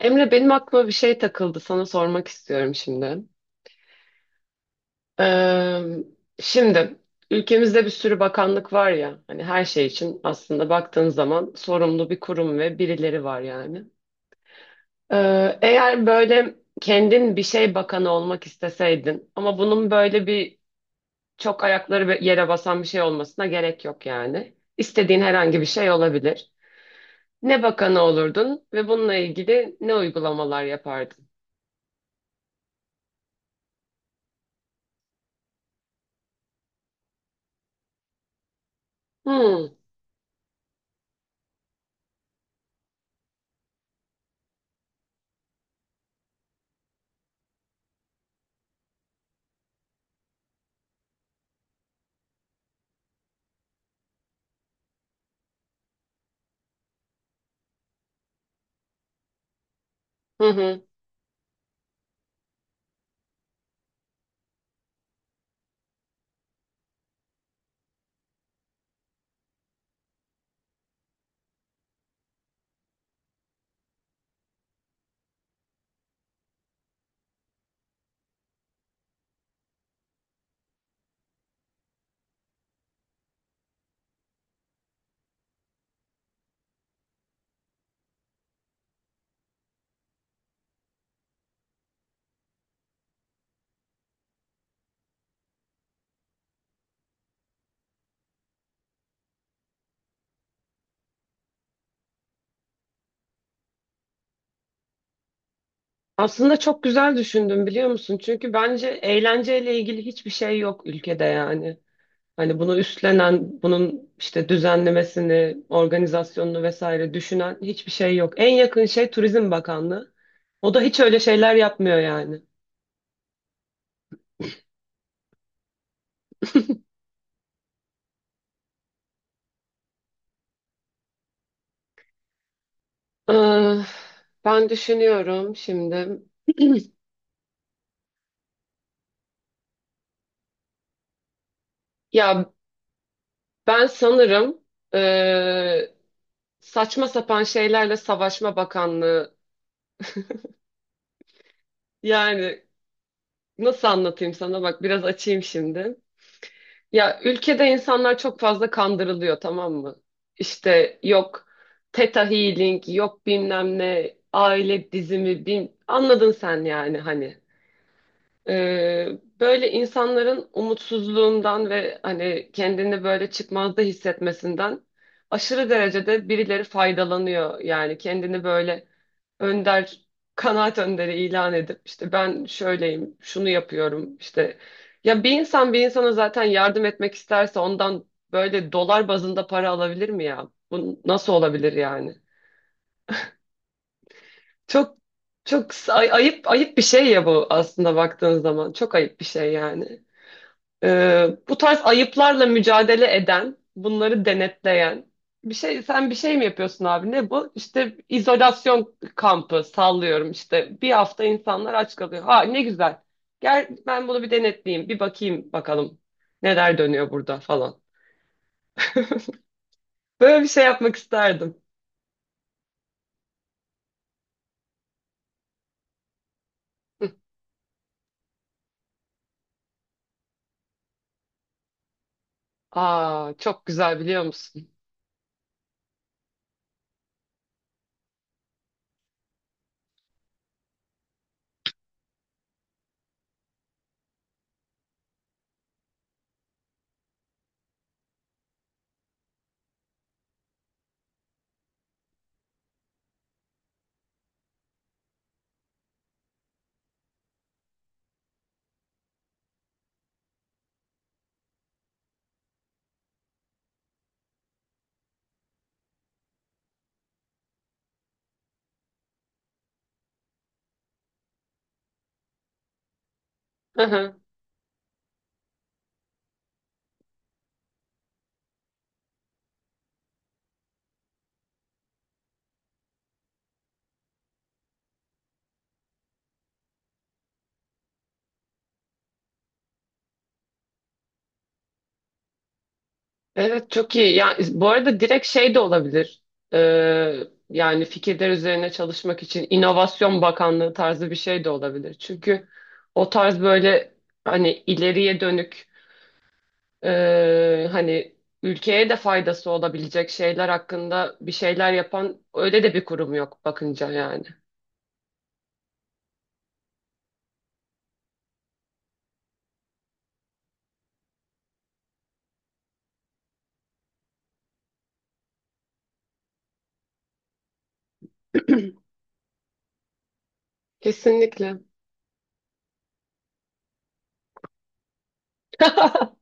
Emre benim aklıma bir şey takıldı. Sana sormak istiyorum şimdi. Ee, Şimdi ülkemizde bir sürü bakanlık var ya. Hani her şey için aslında baktığın zaman sorumlu bir kurum ve birileri var yani. Eğer böyle kendin bir şey bakanı olmak isteseydin ama bunun böyle bir çok ayakları be- yere basan bir şey olmasına gerek yok yani. İstediğin herhangi bir şey olabilir. Ne bakanı olurdun ve bununla ilgili ne uygulamalar yapardın? Hmm. Hı hı. Aslında çok güzel düşündüm biliyor musun? Çünkü bence eğlenceyle ilgili hiçbir şey yok ülkede yani. Hani bunu üstlenen, bunun işte düzenlemesini, organizasyonunu vesaire düşünen hiçbir şey yok. En yakın şey Turizm Bakanlığı. O da hiç öyle şeyler yapmıyor yani. Ah, ben düşünüyorum şimdi. Ya ben sanırım eee, saçma sapan şeylerle Savaşma Bakanlığı. Yani nasıl anlatayım sana? Bak biraz açayım şimdi. Ya ülkede insanlar çok fazla kandırılıyor, tamam mı? İşte yok Theta Healing, yok bilmem ne, aile dizimi, bin... anladın sen yani hani. Ee, Böyle insanların umutsuzluğundan ve hani kendini böyle çıkmazda hissetmesinden aşırı derecede birileri faydalanıyor. Yani kendini böyle önder, kanaat önderi ilan edip işte ben şöyleyim, şunu yapıyorum işte. Ya bir insan bir insana zaten yardım etmek isterse ondan böyle dolar bazında para alabilir mi ya? Bu nasıl olabilir yani? Çok çok ayıp bir şey ya bu aslında baktığın zaman. Çok ayıp bir şey yani. Bu tarz ayıplarla mücadele eden, bunları denetleyen bir şey sen bir şey mi yapıyorsun abi, ne bu? İşte izolasyon kampı sallıyorum, işte bir hafta insanlar aç kalıyor. Ha ne güzel. Gel ben bunu bir denetleyeyim, bir bakayım bakalım neler dönüyor burada falan. Böyle bir şey yapmak isterdim. Aa çok güzel biliyor musun? Evet çok iyi. Yani bu arada direkt şey de olabilir. Ee, Yani fikirler üzerine çalışmak için İnovasyon Bakanlığı tarzı bir şey de olabilir. Çünkü o tarz böyle hani ileriye dönük e, hani ülkeye de faydası olabilecek şeyler hakkında bir şeyler yapan öyle de bir kurum yok bakınca yani. Kesinlikle.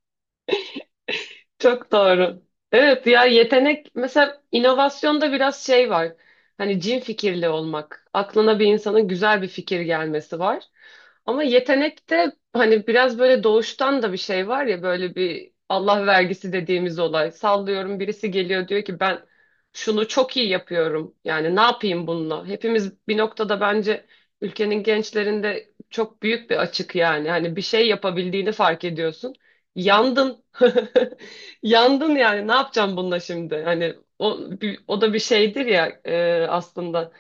Çok doğru. Evet ya yetenek mesela inovasyonda biraz şey var. Hani cin fikirli olmak. Aklına bir insanın güzel bir fikir gelmesi var. Ama yetenekte hani biraz böyle doğuştan da bir şey var ya, böyle bir Allah vergisi dediğimiz olay. Sallıyorum birisi geliyor diyor ki ben şunu çok iyi yapıyorum. Yani ne yapayım bununla? Hepimiz bir noktada bence ülkenin gençlerinde çok büyük bir açık yani. Hani bir şey yapabildiğini fark ediyorsun. Yandın. Yandın yani ne yapacağım bununla şimdi? Hani o, o da bir şeydir ya e, aslında.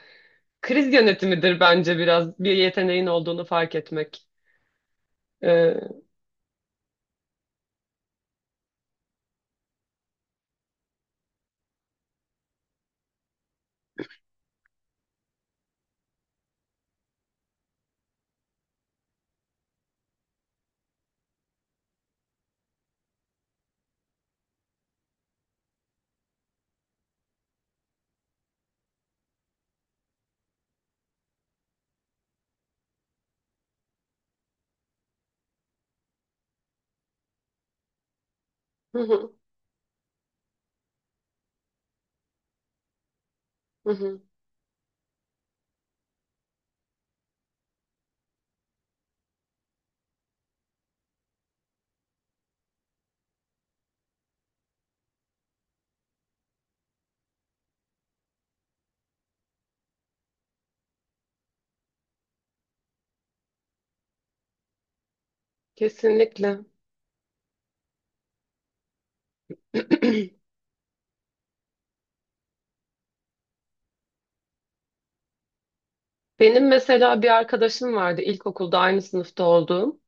Kriz yönetimidir bence biraz bir yeteneğin olduğunu fark etmek. Ee, Hı hı, hı hı. Kesinlikle. Benim mesela bir arkadaşım vardı ilkokulda aynı sınıfta olduğum.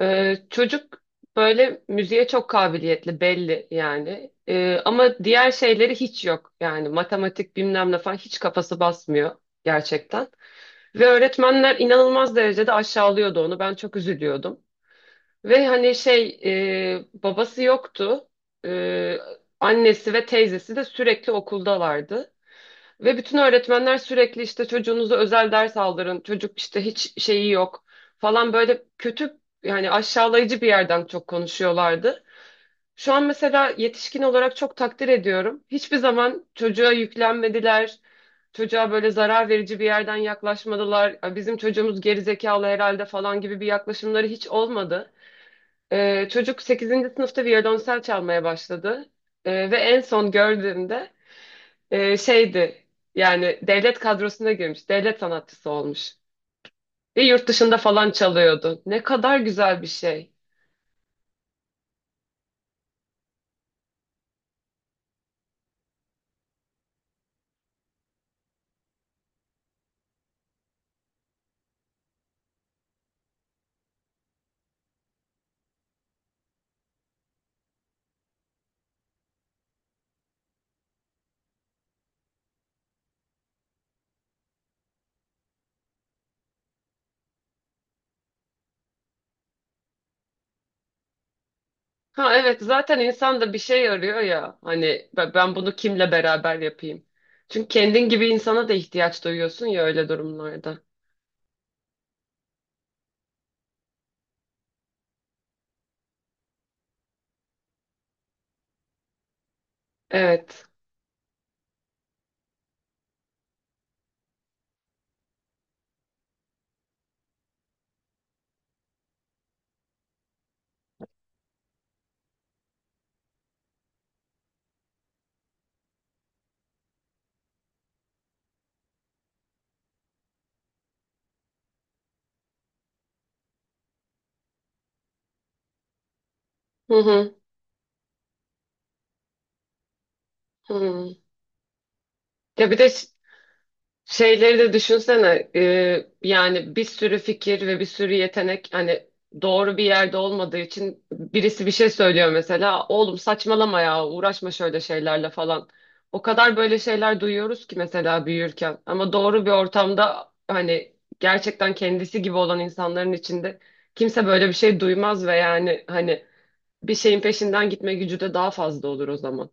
Çocuk böyle müziğe çok kabiliyetli belli yani. Ama diğer şeyleri hiç yok. Yani matematik bilmem ne falan hiç kafası basmıyor gerçekten. Ve öğretmenler inanılmaz derecede aşağılıyordu onu. Ben çok üzülüyordum. Ve hani şey, e, babası yoktu. Ee, Annesi ve teyzesi de sürekli okuldalardı. Ve bütün öğretmenler sürekli işte çocuğunuza özel ders aldırın. Çocuk işte hiç şeyi yok falan, böyle kötü yani aşağılayıcı bir yerden çok konuşuyorlardı. Şu an mesela yetişkin olarak çok takdir ediyorum. Hiçbir zaman çocuğa yüklenmediler. Çocuğa böyle zarar verici bir yerden yaklaşmadılar. "Ay, bizim çocuğumuz gerizekalı herhalde" falan gibi bir yaklaşımları hiç olmadı. Çocuk sekizinci sınıfta violonsel çalmaya başladı. Ve en son gördüğümde e, şeydi, yani devlet kadrosuna girmiş. Devlet sanatçısı olmuş. Ve yurt dışında falan çalıyordu. Ne kadar güzel bir şey. Ha evet, zaten insan da bir şey arıyor ya. Hani ben bunu kimle beraber yapayım? Çünkü kendin gibi insana da ihtiyaç duyuyorsun ya öyle durumlarda. Evet. Hı hı hı. Ya bir de şeyleri de düşünsene, e, yani bir sürü fikir ve bir sürü yetenek hani doğru bir yerde olmadığı için birisi bir şey söylüyor mesela oğlum saçmalama ya, uğraşma şöyle şeylerle falan. O kadar böyle şeyler duyuyoruz ki mesela büyürken, ama doğru bir ortamda hani gerçekten kendisi gibi olan insanların içinde kimse böyle bir şey duymaz ve yani hani bir şeyin peşinden gitme gücü de daha fazla olur o zaman.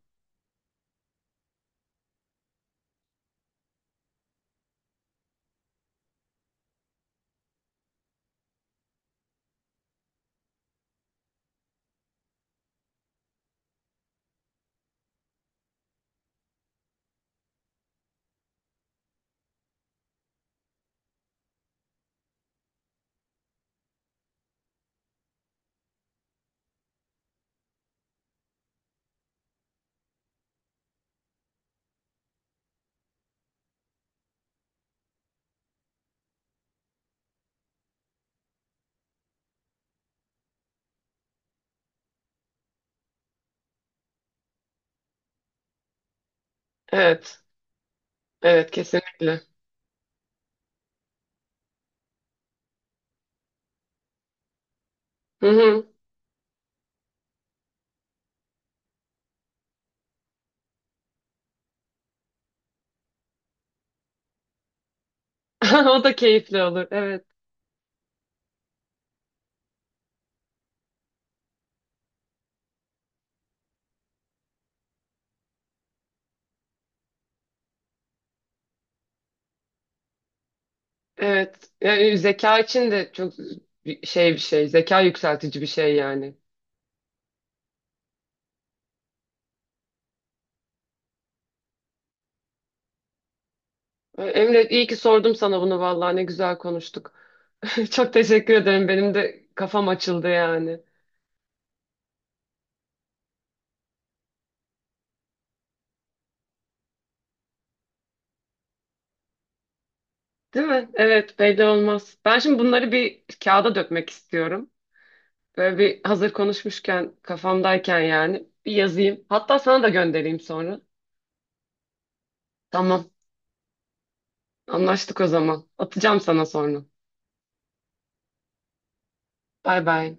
Evet, evet kesinlikle. Hı hı. O da keyifli olur, evet. Evet. Yani zeka için de çok bir şey. Zeka yükseltici bir şey yani. E, Emre iyi ki sordum sana bunu vallahi, ne güzel konuştuk. Çok teşekkür ederim. Benim de kafam açıldı yani. Değil mi? Evet belli olmaz. Ben şimdi bunları bir kağıda dökmek istiyorum. Böyle bir hazır konuşmuşken kafamdayken yani bir yazayım. Hatta sana da göndereyim sonra. Tamam. Anlaştık o zaman. Atacağım sana sonra. Bay bay.